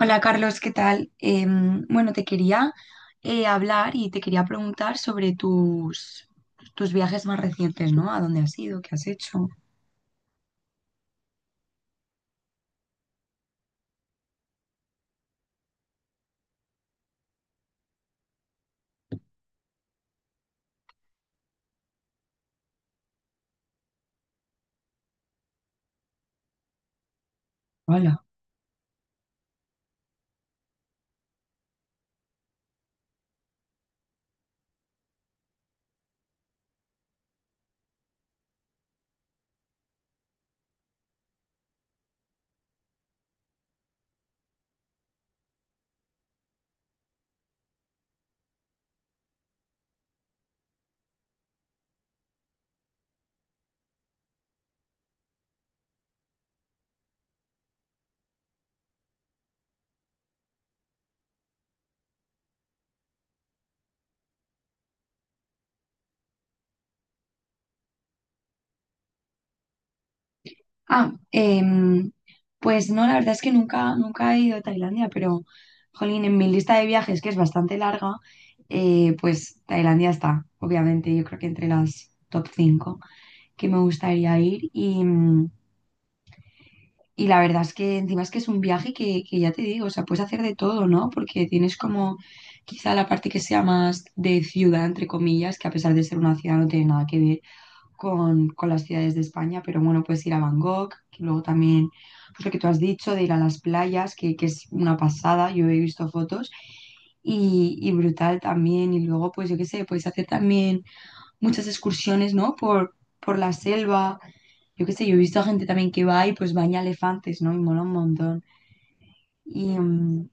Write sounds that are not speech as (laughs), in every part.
Hola Carlos, ¿qué tal? Bueno, te quería hablar y te quería preguntar sobre tus viajes más recientes, ¿no? ¿A dónde has ido? ¿Qué has hecho? Hola. Ah, em, pues no, la verdad es que nunca he ido a Tailandia, pero jolín, en mi lista de viajes, que es bastante larga, pues Tailandia está, obviamente, yo creo que entre las top 5 que me gustaría ir. Y la verdad es que encima es que es un viaje que ya te digo, o sea, puedes hacer de todo, ¿no? Porque tienes como quizá la parte que sea más de ciudad, entre comillas, que a pesar de ser una ciudad no tiene nada que ver con las ciudades de España, pero bueno, puedes ir a Bangkok, que luego también, pues lo que tú has dicho, de ir a las playas, que es una pasada, yo he visto fotos. Y brutal también, y luego pues yo qué sé, puedes hacer también muchas excursiones, ¿no? Por la selva, yo qué sé, yo he visto a gente también que va y pues baña elefantes, ¿no? Y mola un montón. Y mm,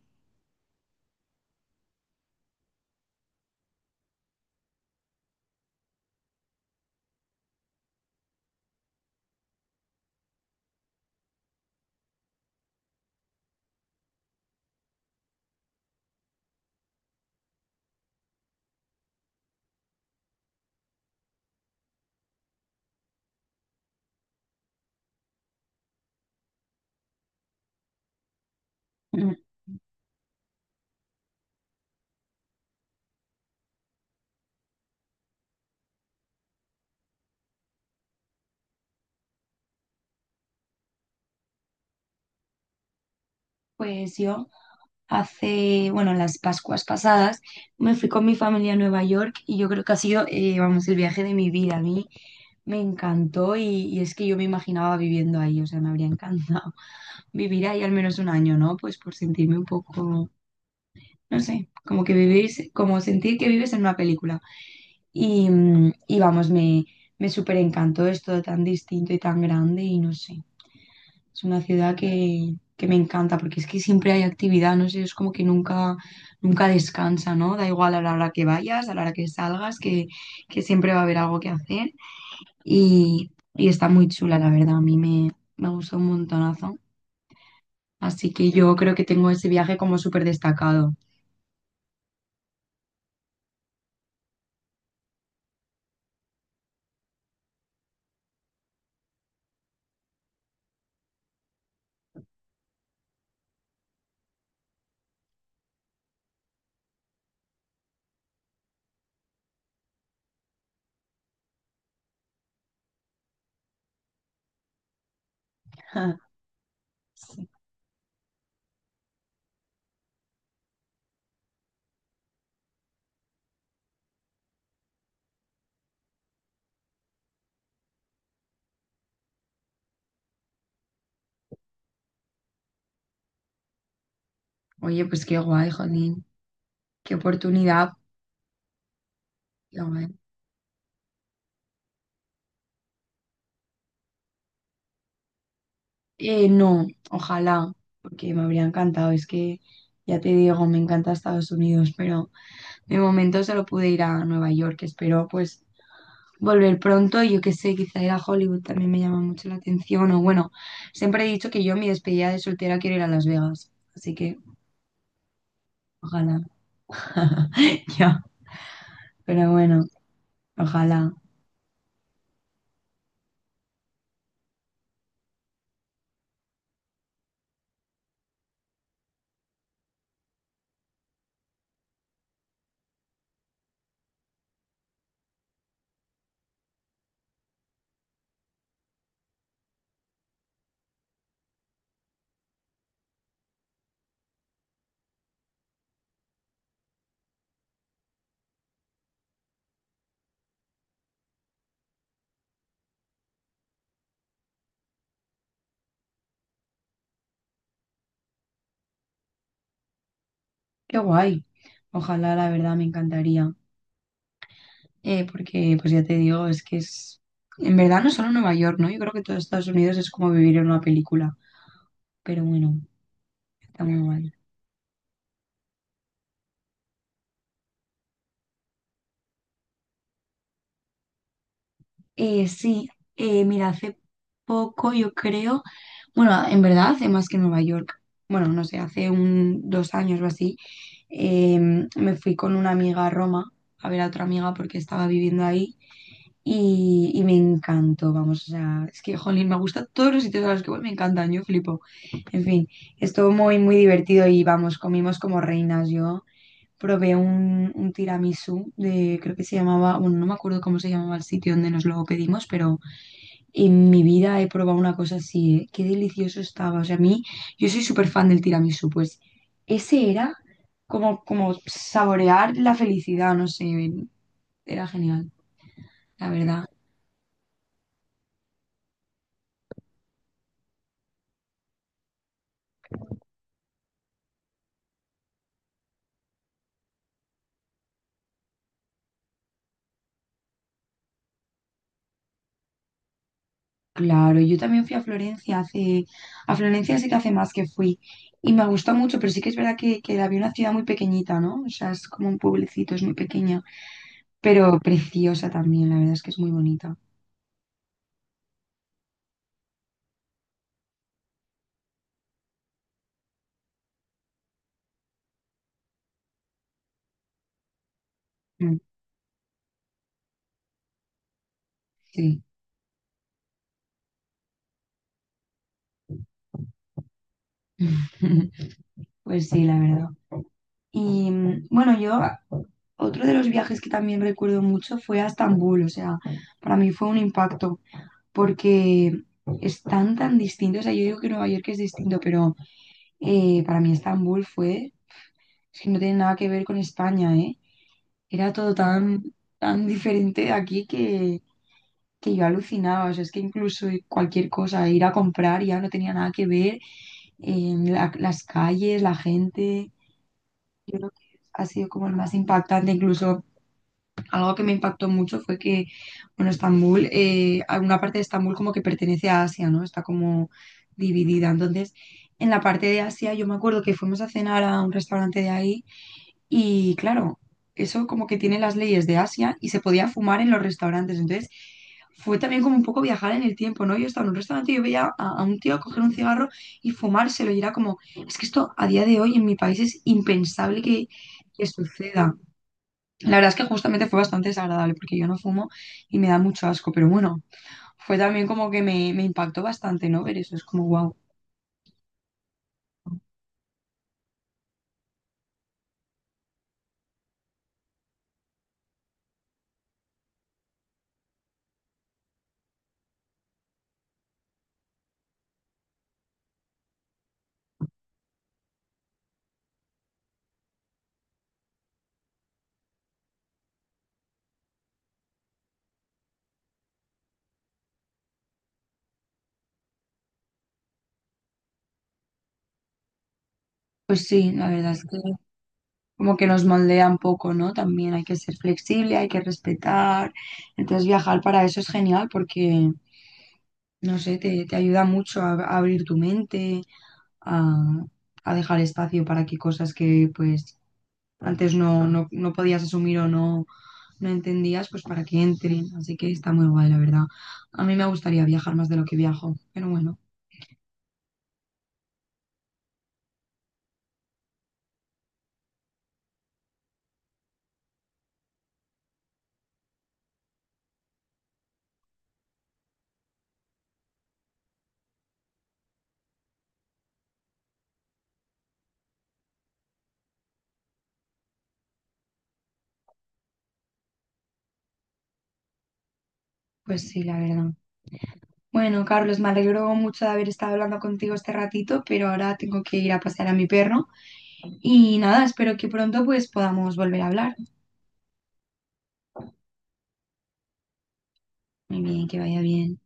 mm, pues yo hace, bueno, en las Pascuas pasadas me fui con mi familia a Nueva York y yo creo que ha sido, vamos, el viaje de mi vida. A mí me encantó y es que yo me imaginaba viviendo ahí, o sea, me habría encantado (laughs) vivir ahí al menos un año, ¿no? Pues por sentirme un poco, no sé, como que vivir, como sentir que vives en una película. Y vamos, me súper encantó, es todo tan distinto y tan grande y no sé, es una ciudad que me encanta porque es que siempre hay actividad, no sé, es como que nunca descansa, ¿no? Da igual a la hora que vayas, a la hora que salgas, que siempre va a haber algo que hacer y está muy chula, la verdad, a me gustó un montonazo. Así que yo creo que tengo ese viaje como súper destacado. (laughs) Sí. Oye, pues qué guay, jolín, qué oportunidad. Qué guay. No, ojalá, porque me habría encantado. Es que ya te digo, me encanta Estados Unidos, pero de momento solo pude ir a Nueva York. Espero pues volver pronto. Yo qué sé, quizá ir a Hollywood también me llama mucho la atención. O bueno, siempre he dicho que yo en mi despedida de soltera quiero ir a Las Vegas. Así que ojalá. (laughs) Ya, pero bueno, ojalá. Qué guay. Ojalá, la verdad, me encantaría. Porque pues ya te digo, es que en verdad no solo Nueva York, ¿no? Yo creo que todo Estados Unidos es como vivir en una película, pero bueno, está muy guay. Sí, mira, hace poco yo creo, bueno, en verdad hace más que Nueva York, bueno, no sé, hace dos años o así, eh, me fui con una amiga a Roma a ver a otra amiga porque estaba viviendo ahí. Y me encantó, vamos, o sea, es que jolín, me gusta todos los sitios a los que voy, me encantan, yo flipo. En fin, estuvo muy divertido y vamos, comimos como reinas. Yo probé un tiramisú de, creo que se llamaba, bueno, no me acuerdo cómo se llamaba el sitio donde nos lo pedimos, pero en mi vida he probado una cosa así, ¿eh? Qué delicioso estaba. O sea, a mí, yo soy súper fan del tiramisú, pues ese era como, como saborear la felicidad, no sé, era genial, la verdad. Claro, yo también fui a Florencia hace, a Florencia sí que hace más que fui y me gustó mucho, pero sí que es verdad que la vi una ciudad muy pequeñita, ¿no? O sea, es como un pueblecito, es muy pequeña, pero preciosa también, la verdad es que es muy bonita. Mm, Sí, (laughs) pues sí, la verdad. Bueno, yo otro de los viajes que también recuerdo mucho fue a Estambul, o sea, para mí fue un impacto porque están tan distintos, o sea, yo digo que Nueva York es distinto, pero para mí Estambul fue... Es que no tiene nada que ver con España, ¿eh? Era todo tan diferente de aquí que yo alucinaba. O sea, es que incluso cualquier cosa, ir a comprar ya no tenía nada que ver. Las calles, la gente. Yo creo que ha sido como el más impactante. Incluso algo que me impactó mucho fue que, bueno, Estambul, alguna parte de Estambul como que pertenece a Asia, ¿no? Está como dividida. Entonces, en la parte de Asia, yo me acuerdo que fuimos a cenar a un restaurante de ahí. Y claro, eso como que tiene las leyes de Asia y se podía fumar en los restaurantes. Entonces, fue también como un poco viajar en el tiempo, ¿no? Yo estaba en un restaurante y yo veía a un tío coger un cigarro y fumárselo y era como, es que esto a día de hoy en mi país es impensable que suceda. La verdad es que justamente fue bastante desagradable porque yo no fumo y me da mucho asco, pero bueno, fue también como que me impactó bastante, ¿no? Ver eso, es como, wow. Pues sí, la verdad es que... como que nos moldea un poco, ¿no? También hay que ser flexible, hay que respetar. Entonces viajar para eso es genial porque no sé, te ayuda mucho a abrir tu mente, a, a dejar espacio para que cosas que pues antes no podías asumir o no entendías, pues para que entren. Así que está muy guay, la verdad. A mí me gustaría viajar más de lo que viajo, pero bueno. Pues sí, la verdad. Bueno, Carlos, me alegro mucho de haber estado hablando contigo este ratito, pero ahora tengo que ir a pasear a mi perro. Y nada, espero que pronto pues podamos volver a hablar. Muy bien, que vaya bien.